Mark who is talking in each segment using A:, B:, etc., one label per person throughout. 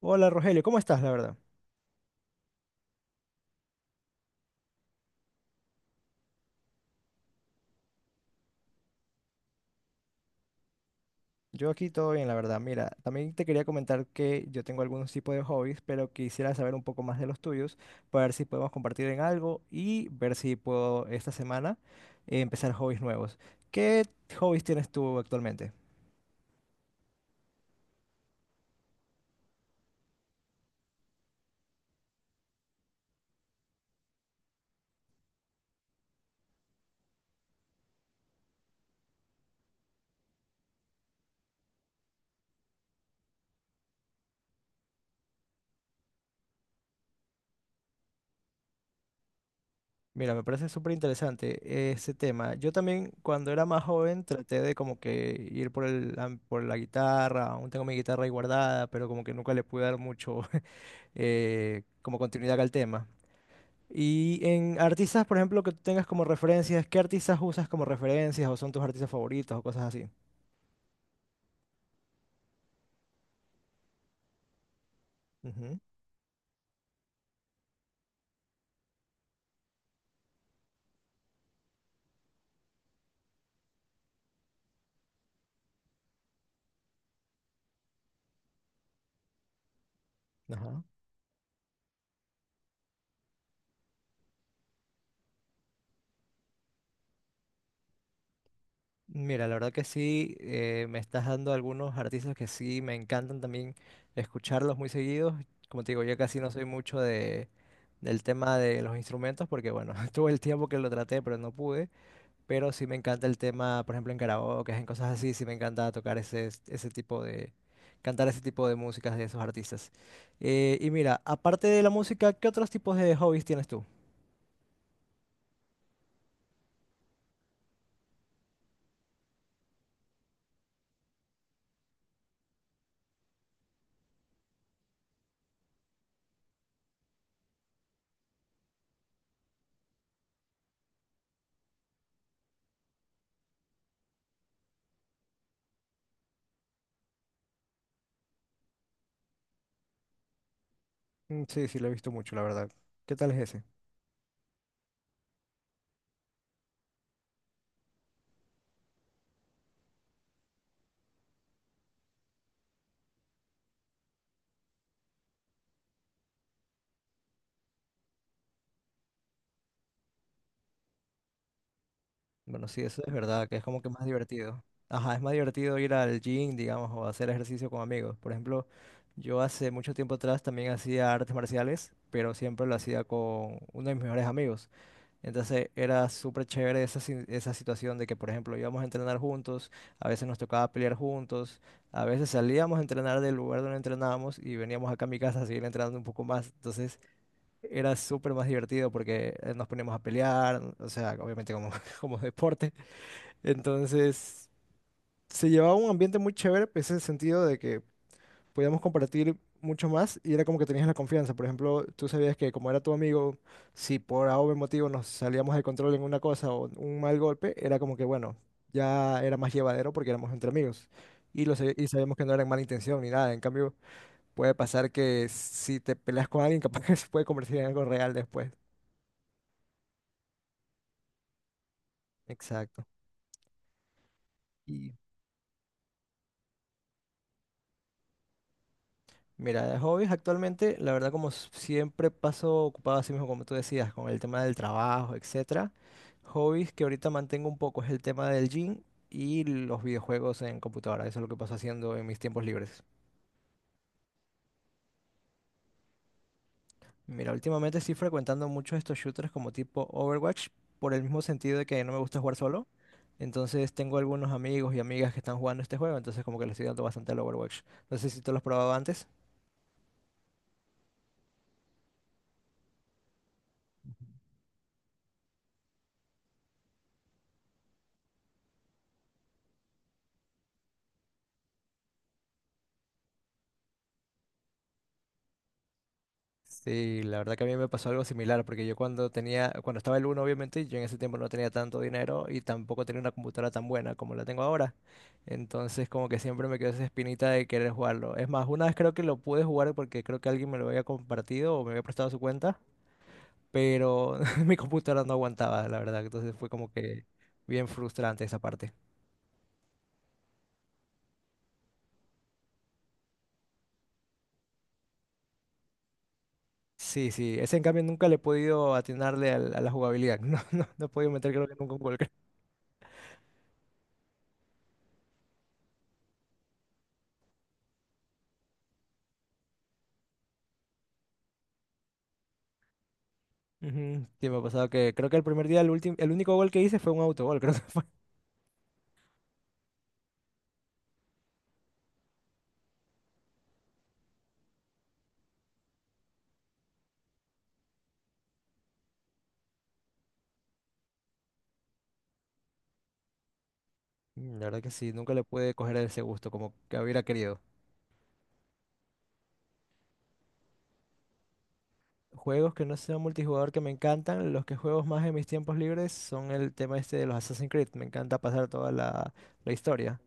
A: Hola Rogelio, ¿cómo estás, la verdad? Yo aquí todo bien, la verdad. Mira, también te quería comentar que yo tengo algunos tipos de hobbies, pero quisiera saber un poco más de los tuyos para ver si podemos compartir en algo y ver si puedo esta semana empezar hobbies nuevos. ¿Qué hobbies tienes tú actualmente? Mira, me parece súper interesante ese tema. Yo también cuando era más joven traté de como que ir por la guitarra, aún tengo mi guitarra ahí guardada, pero como que nunca le pude dar mucho como continuidad al tema. Y en artistas, por ejemplo, que tú tengas como referencias, ¿qué artistas usas como referencias o son tus artistas favoritos o cosas así? Ujú. Ajá. Mira, la verdad que sí, me estás dando algunos artistas que sí me encantan también escucharlos muy seguidos. Como te digo, yo casi no soy mucho del tema de los instrumentos porque, bueno, tuve el tiempo que lo traté, pero no pude. Pero sí me encanta el tema, por ejemplo, en karaoke, en cosas así, sí me encanta tocar ese, ese tipo de, cantar ese tipo de músicas de esos artistas. Y mira, aparte de la música, ¿qué otros tipos de hobbies tienes tú? Mm, sí, sí, lo he visto mucho, la verdad. ¿Qué tal es ese? Bueno, sí, eso es verdad, que es como que más divertido. Ajá, es más divertido ir al gym, digamos, o hacer ejercicio con amigos. Por ejemplo, yo hace mucho tiempo atrás también hacía artes marciales, pero siempre lo hacía con uno de mis mejores amigos. Entonces era súper chévere esa, si- esa situación de que, por ejemplo, íbamos a entrenar juntos, a veces nos tocaba pelear juntos, a veces salíamos a entrenar del lugar donde entrenábamos y veníamos acá a mi casa a seguir entrenando un poco más. Entonces era súper más divertido porque nos poníamos a pelear, o sea, obviamente como, como deporte. Entonces se llevaba un ambiente muy chévere, pues, en el sentido de que podíamos compartir mucho más y era como que tenías la confianza. Por ejemplo, tú sabías que como era tu amigo, si por A o B motivo nos salíamos de control en una cosa o un mal golpe, era como que bueno, ya era más llevadero porque éramos entre amigos. Y sabíamos que no era en mala intención ni nada. En cambio, puede pasar que si te peleas con alguien, capaz que se puede convertir en algo real después. Exacto. Y mira, de hobbies actualmente, la verdad como siempre paso ocupado así mismo como tú decías, con el tema del trabajo, etcétera. Hobbies que ahorita mantengo un poco es el tema del gym y los videojuegos en computadora. Eso es lo que paso haciendo en mis tiempos libres. Mira, últimamente estoy frecuentando mucho estos shooters como tipo Overwatch, por el mismo sentido de que no me gusta jugar solo. Entonces tengo algunos amigos y amigas que están jugando este juego, entonces como que le estoy dando bastante al Overwatch. No sé si tú lo has probado antes. Sí, la verdad que a mí me pasó algo similar, porque yo cuando tenía, cuando estaba el uno, obviamente, yo en ese tiempo no tenía tanto dinero y tampoco tenía una computadora tan buena como la tengo ahora. Entonces, como que siempre me quedó esa espinita de querer jugarlo. Es más, una vez creo que lo pude jugar porque creo que alguien me lo había compartido o me había prestado su cuenta, pero mi computadora no aguantaba, la verdad. Entonces fue como que bien frustrante esa parte. Sí, sí, ese en cambio nunca le he podido atinarle a la jugabilidad. No, no, no he podido meter creo que nunca un gol. Ujú. Sí, me ha pasado que creo que el primer día, el último, el único gol que hice fue un autogol, creo que fue. La verdad que sí, nunca le pude coger ese gusto como que hubiera querido. Juegos que no sean multijugador que me encantan, los que juego más en mis tiempos libres son el tema este de los Assassin's Creed. Me encanta pasar toda la historia.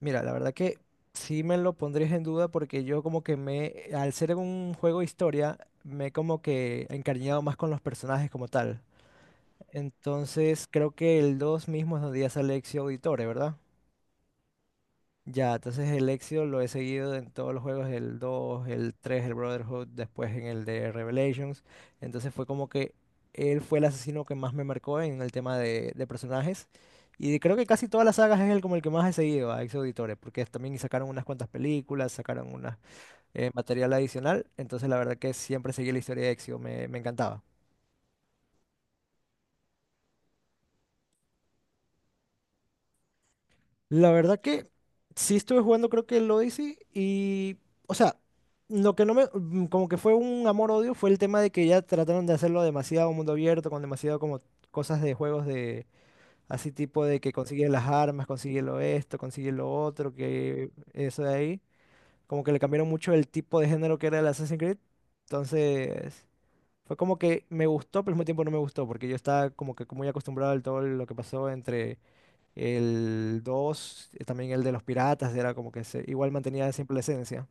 A: Mira, la verdad que sí me lo pondrías en duda porque yo como que me, al ser un juego historia, me he como que encariñado más con los personajes como tal. Entonces creo que el 2 mismo es donde ya sale Ezio Auditore, ¿verdad? Ya, entonces el Exio lo he seguido en todos los juegos, el 2, el 3, el Brotherhood, después en el de Revelations. Entonces fue como que él fue el asesino que más me marcó en el tema de personajes. Y creo que casi todas las sagas es el como el que más he seguido a Exio Auditore, porque también sacaron unas cuantas películas, sacaron una, material adicional. Entonces la verdad que siempre seguí la historia de Exio, me encantaba. La verdad que sí estuve jugando creo que el Odyssey y, o sea, lo que no me, como que fue un amor-odio fue el tema de que ya trataron de hacerlo demasiado mundo abierto, con demasiado como cosas de juegos de, así tipo de que consigue las armas, consigue lo esto, consigue lo otro, que eso de ahí, como que le cambiaron mucho el tipo de género que era el Assassin's Creed, entonces fue como que me gustó, pero al mismo tiempo no me gustó, porque yo estaba como que muy acostumbrado al todo lo que pasó entre el 2 también el de los piratas, era como que se, igual mantenía simple esencia.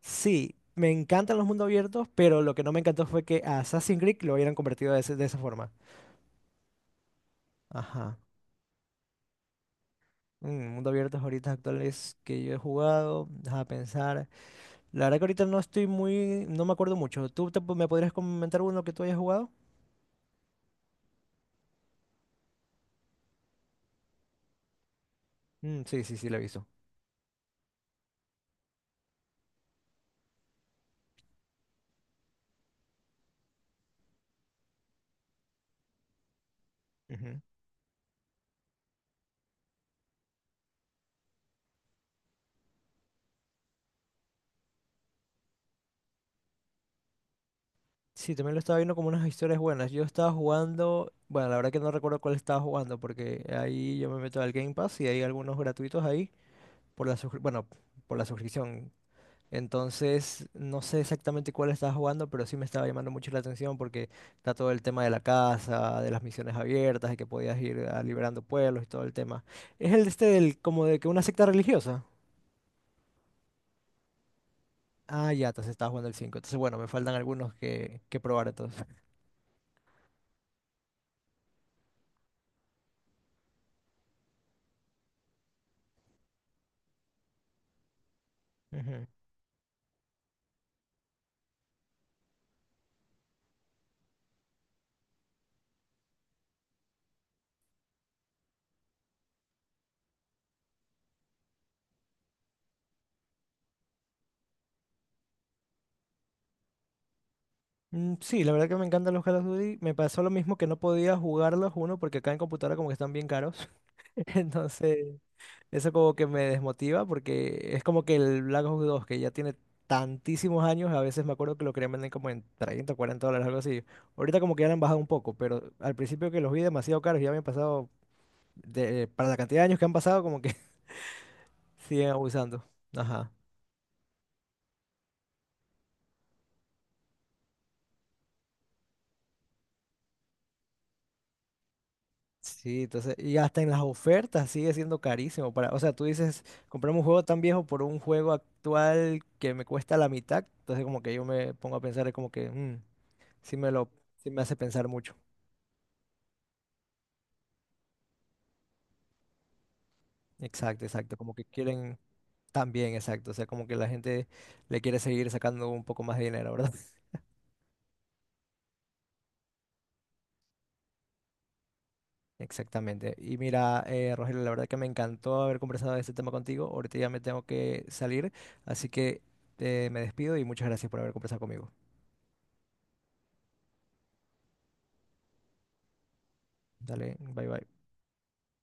A: Sí, me encantan los mundos abiertos, pero lo que no me encantó fue que a Assassin's Creed lo hubieran convertido de esa forma. Ajá. Mundo abiertos ahorita actuales que yo he jugado, deja pensar. La verdad que ahorita no estoy muy, no me acuerdo mucho. ¿Tú me podrías comentar uno que tú hayas jugado? Mm, sí, sí, sí, lo he visto. Sí, también lo estaba viendo como unas historias buenas. Yo estaba jugando, bueno, la verdad que no recuerdo cuál estaba jugando porque ahí yo me meto al Game Pass y hay algunos gratuitos ahí por la bueno, por la suscripción. Entonces, no sé exactamente cuál estaba jugando, pero sí me estaba llamando mucho la atención porque está todo el tema de la casa, de las misiones abiertas, y que podías ir liberando pueblos y todo el tema. Es el este del como de que una secta religiosa. Ah, ya, entonces estaba jugando el 5. Entonces, bueno, me faltan algunos que probar entonces. Ujú. Mm, sí, la verdad que me encantan los Call of Duty. Me pasó lo mismo que no podía jugarlos uno porque acá en computadora como que están bien caros. Entonces, eso como que me desmotiva porque es como que el Black Ops 2 que ya tiene tantísimos años, a veces me acuerdo que lo querían vender como en 30 o dólares, algo así. Ahorita como que ya lo han bajado un poco, pero al principio que los vi demasiado caros, ya me han pasado, de, para la cantidad de años que han pasado, como que siguen abusando. Ajá. Sí, entonces, y hasta en las ofertas sigue siendo carísimo para, o sea, tú dices, comprarme un juego tan viejo por un juego actual que me cuesta la mitad, entonces como que yo me pongo a pensar, es como que, sí me lo, sí me hace pensar mucho. Exacto, exacto, como que quieren también, exacto, o sea, como que la gente le quiere seguir sacando un poco más de dinero, ¿verdad? Exactamente. Y mira, Rogelio, la verdad que me encantó haber conversado de este tema contigo, ahorita ya me tengo que salir, así que me despido y muchas gracias por haber conversado conmigo. Dale, bye bye.